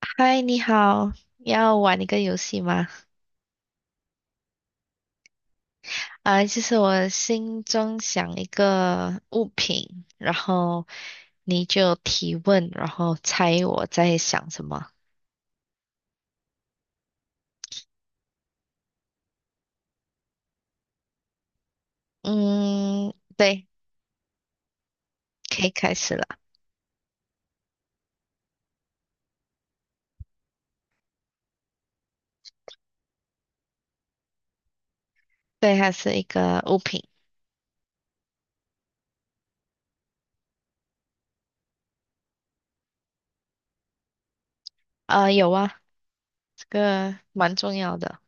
嗨，你好，要玩一个游戏吗？就是我心中想一个物品，然后你就提问，然后猜我在想什么。嗯，对，可以开始了。对，还是一个物品。有啊，这个蛮重要的。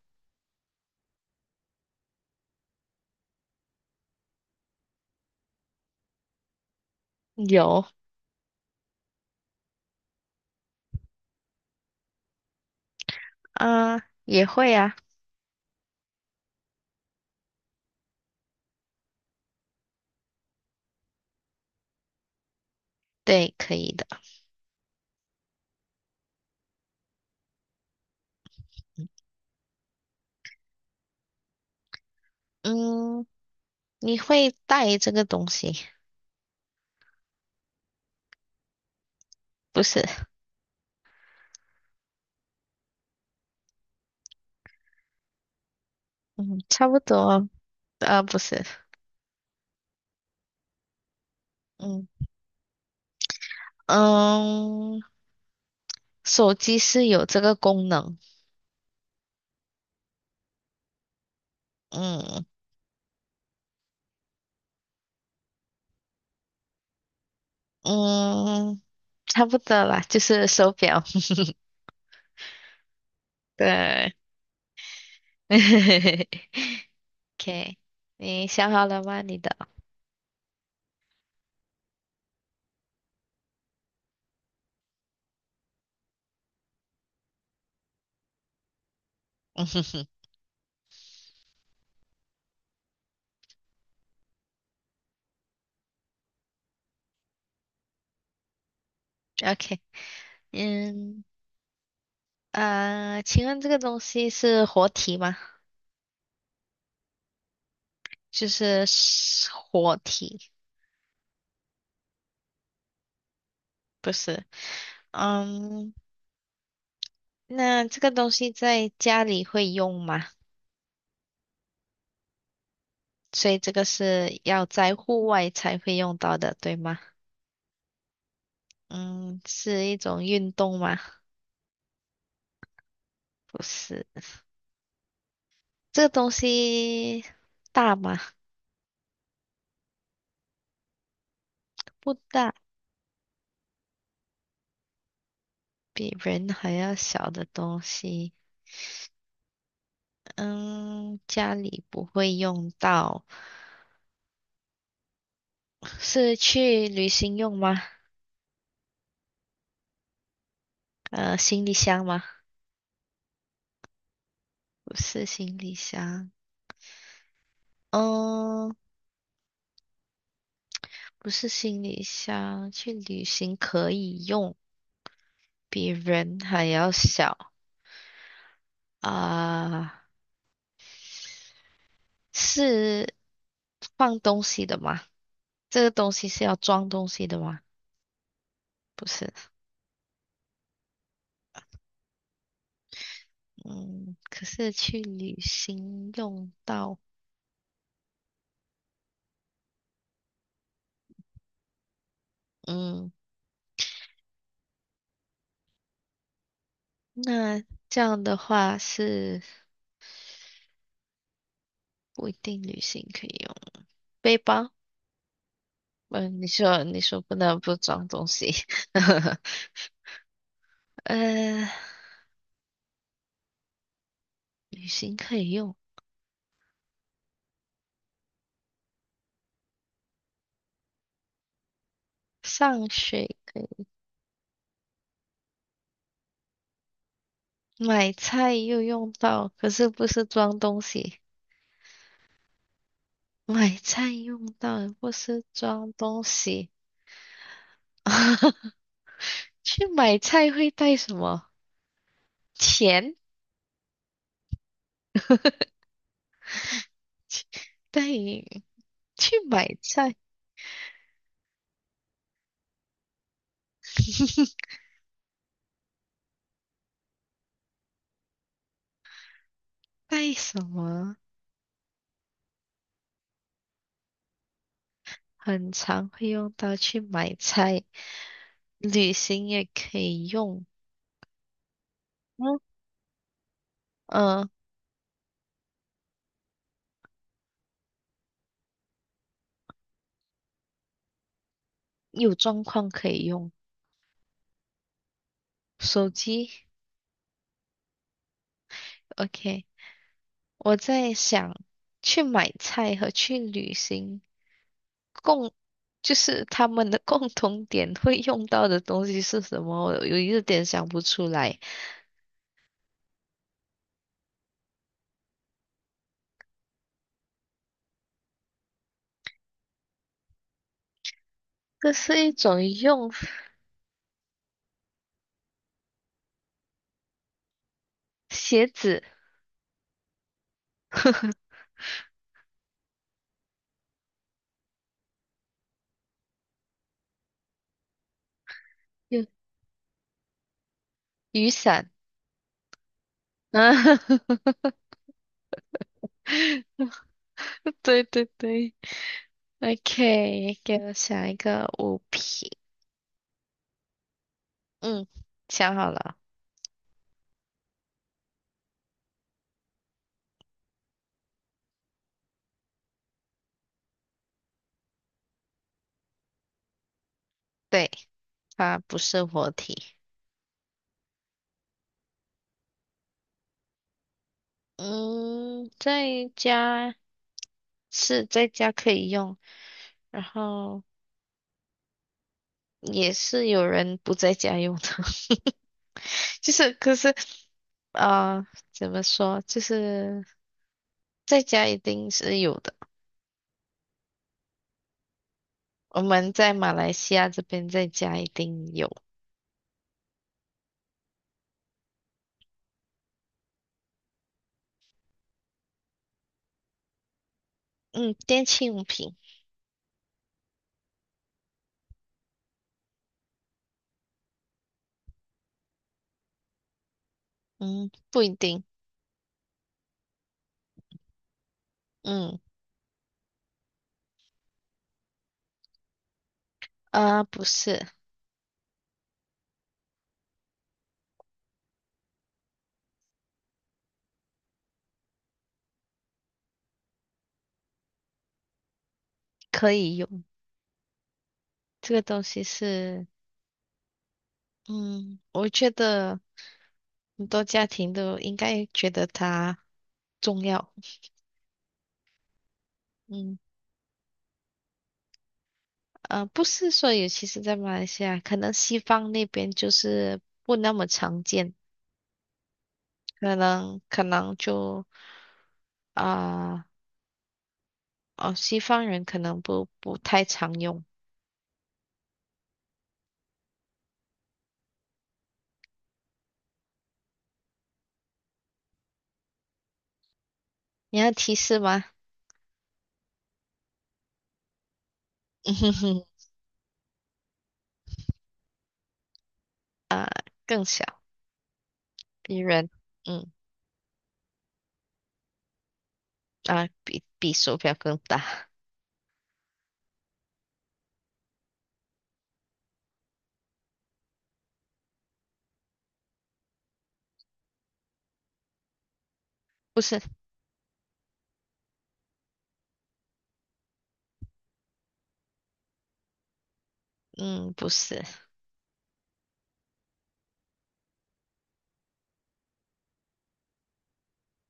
有啊、也会啊，对，可以的。嗯，你会带这个东西？不是，嗯，差不多，呃，不是，嗯嗯。手机是有这个功能，嗯嗯，差不多啦，就是手表，对 ，OK，你想好了吗？你的 ，OK，嗯请问这个东西是活体吗？就是活体，不是，嗯，那这个东西在家里会用吗？所以这个是要在户外才会用到的，对吗？嗯，是一种运动吗？不是，这个东西大吗？不大，比人还要小的东西。嗯，家里不会用到，是去旅行用吗？呃，行李箱吗？不是行李箱。嗯，不是行李箱，去旅行可以用，比人还要小啊，是放东西的吗？这个东西是要装东西的吗？不是，嗯，可是去旅行用到，嗯，那这样的话是不一定旅行可以用背包。嗯，你说不能不装东西，呃，旅行可以用，上学可以，买菜又用到，可是不是装东西，买菜用到不是装东西，去买菜会带什么？钱？带你去买菜，带什么？很常会用到去买菜，旅行也可以用。嗯，呃，有状况可以用手机。OK，我在想去买菜和去旅行共，就是他们的 共同点会用到的东西是什么？我有一点想不出来。这是一种用 鞋子，用雨伞。啊，对对对。OK，给我想一个物品。嗯，想好了，对，它不是活体。嗯，在家是在家可以用，然后也是有人不在家用的，就是可是啊，怎么说，就是在家一定是有的。我们在马来西亚这边在家一定有，嗯，电器用品。嗯，不一定。嗯，啊，不是，可以用。这个东西是，嗯，我觉得很多家庭都应该觉得它重要。嗯，呃，不是说，尤其是在马来西亚，可能西方那边就是不那么常见，可能就啊、哦，西方人可能不太常用。你要提示吗？嗯哼哼，更小，比人，嗯啊，比手表更大。不是。嗯，不是，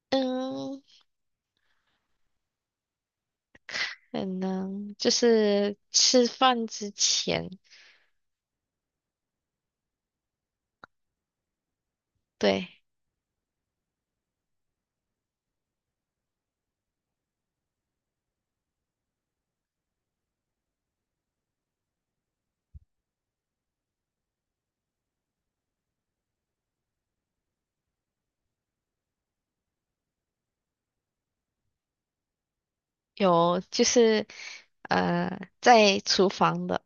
嗯，可能就是吃饭之前，对，有就是呃，在厨房的，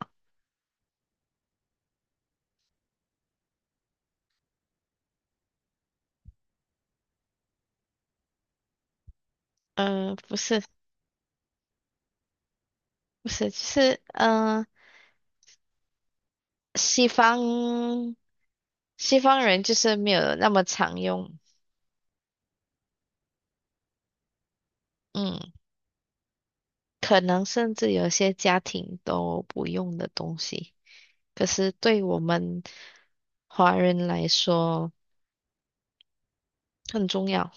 嗯、不是，不是，就是西方西方人就是没有那么常用，嗯，可能甚至有些家庭都不用的东西，可是对我们华人来说很重要，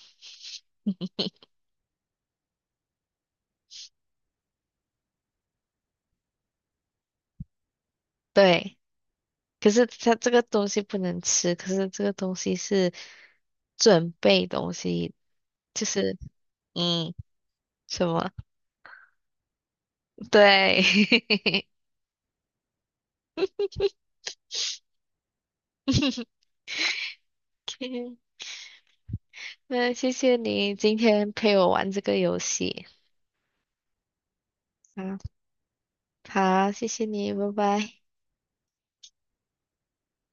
对。可是它这个东西不能吃，可是这个东西是准备东西，就是嗯什么？对，OK，那谢谢你今天陪我玩这个游戏好，好，谢谢你，拜拜。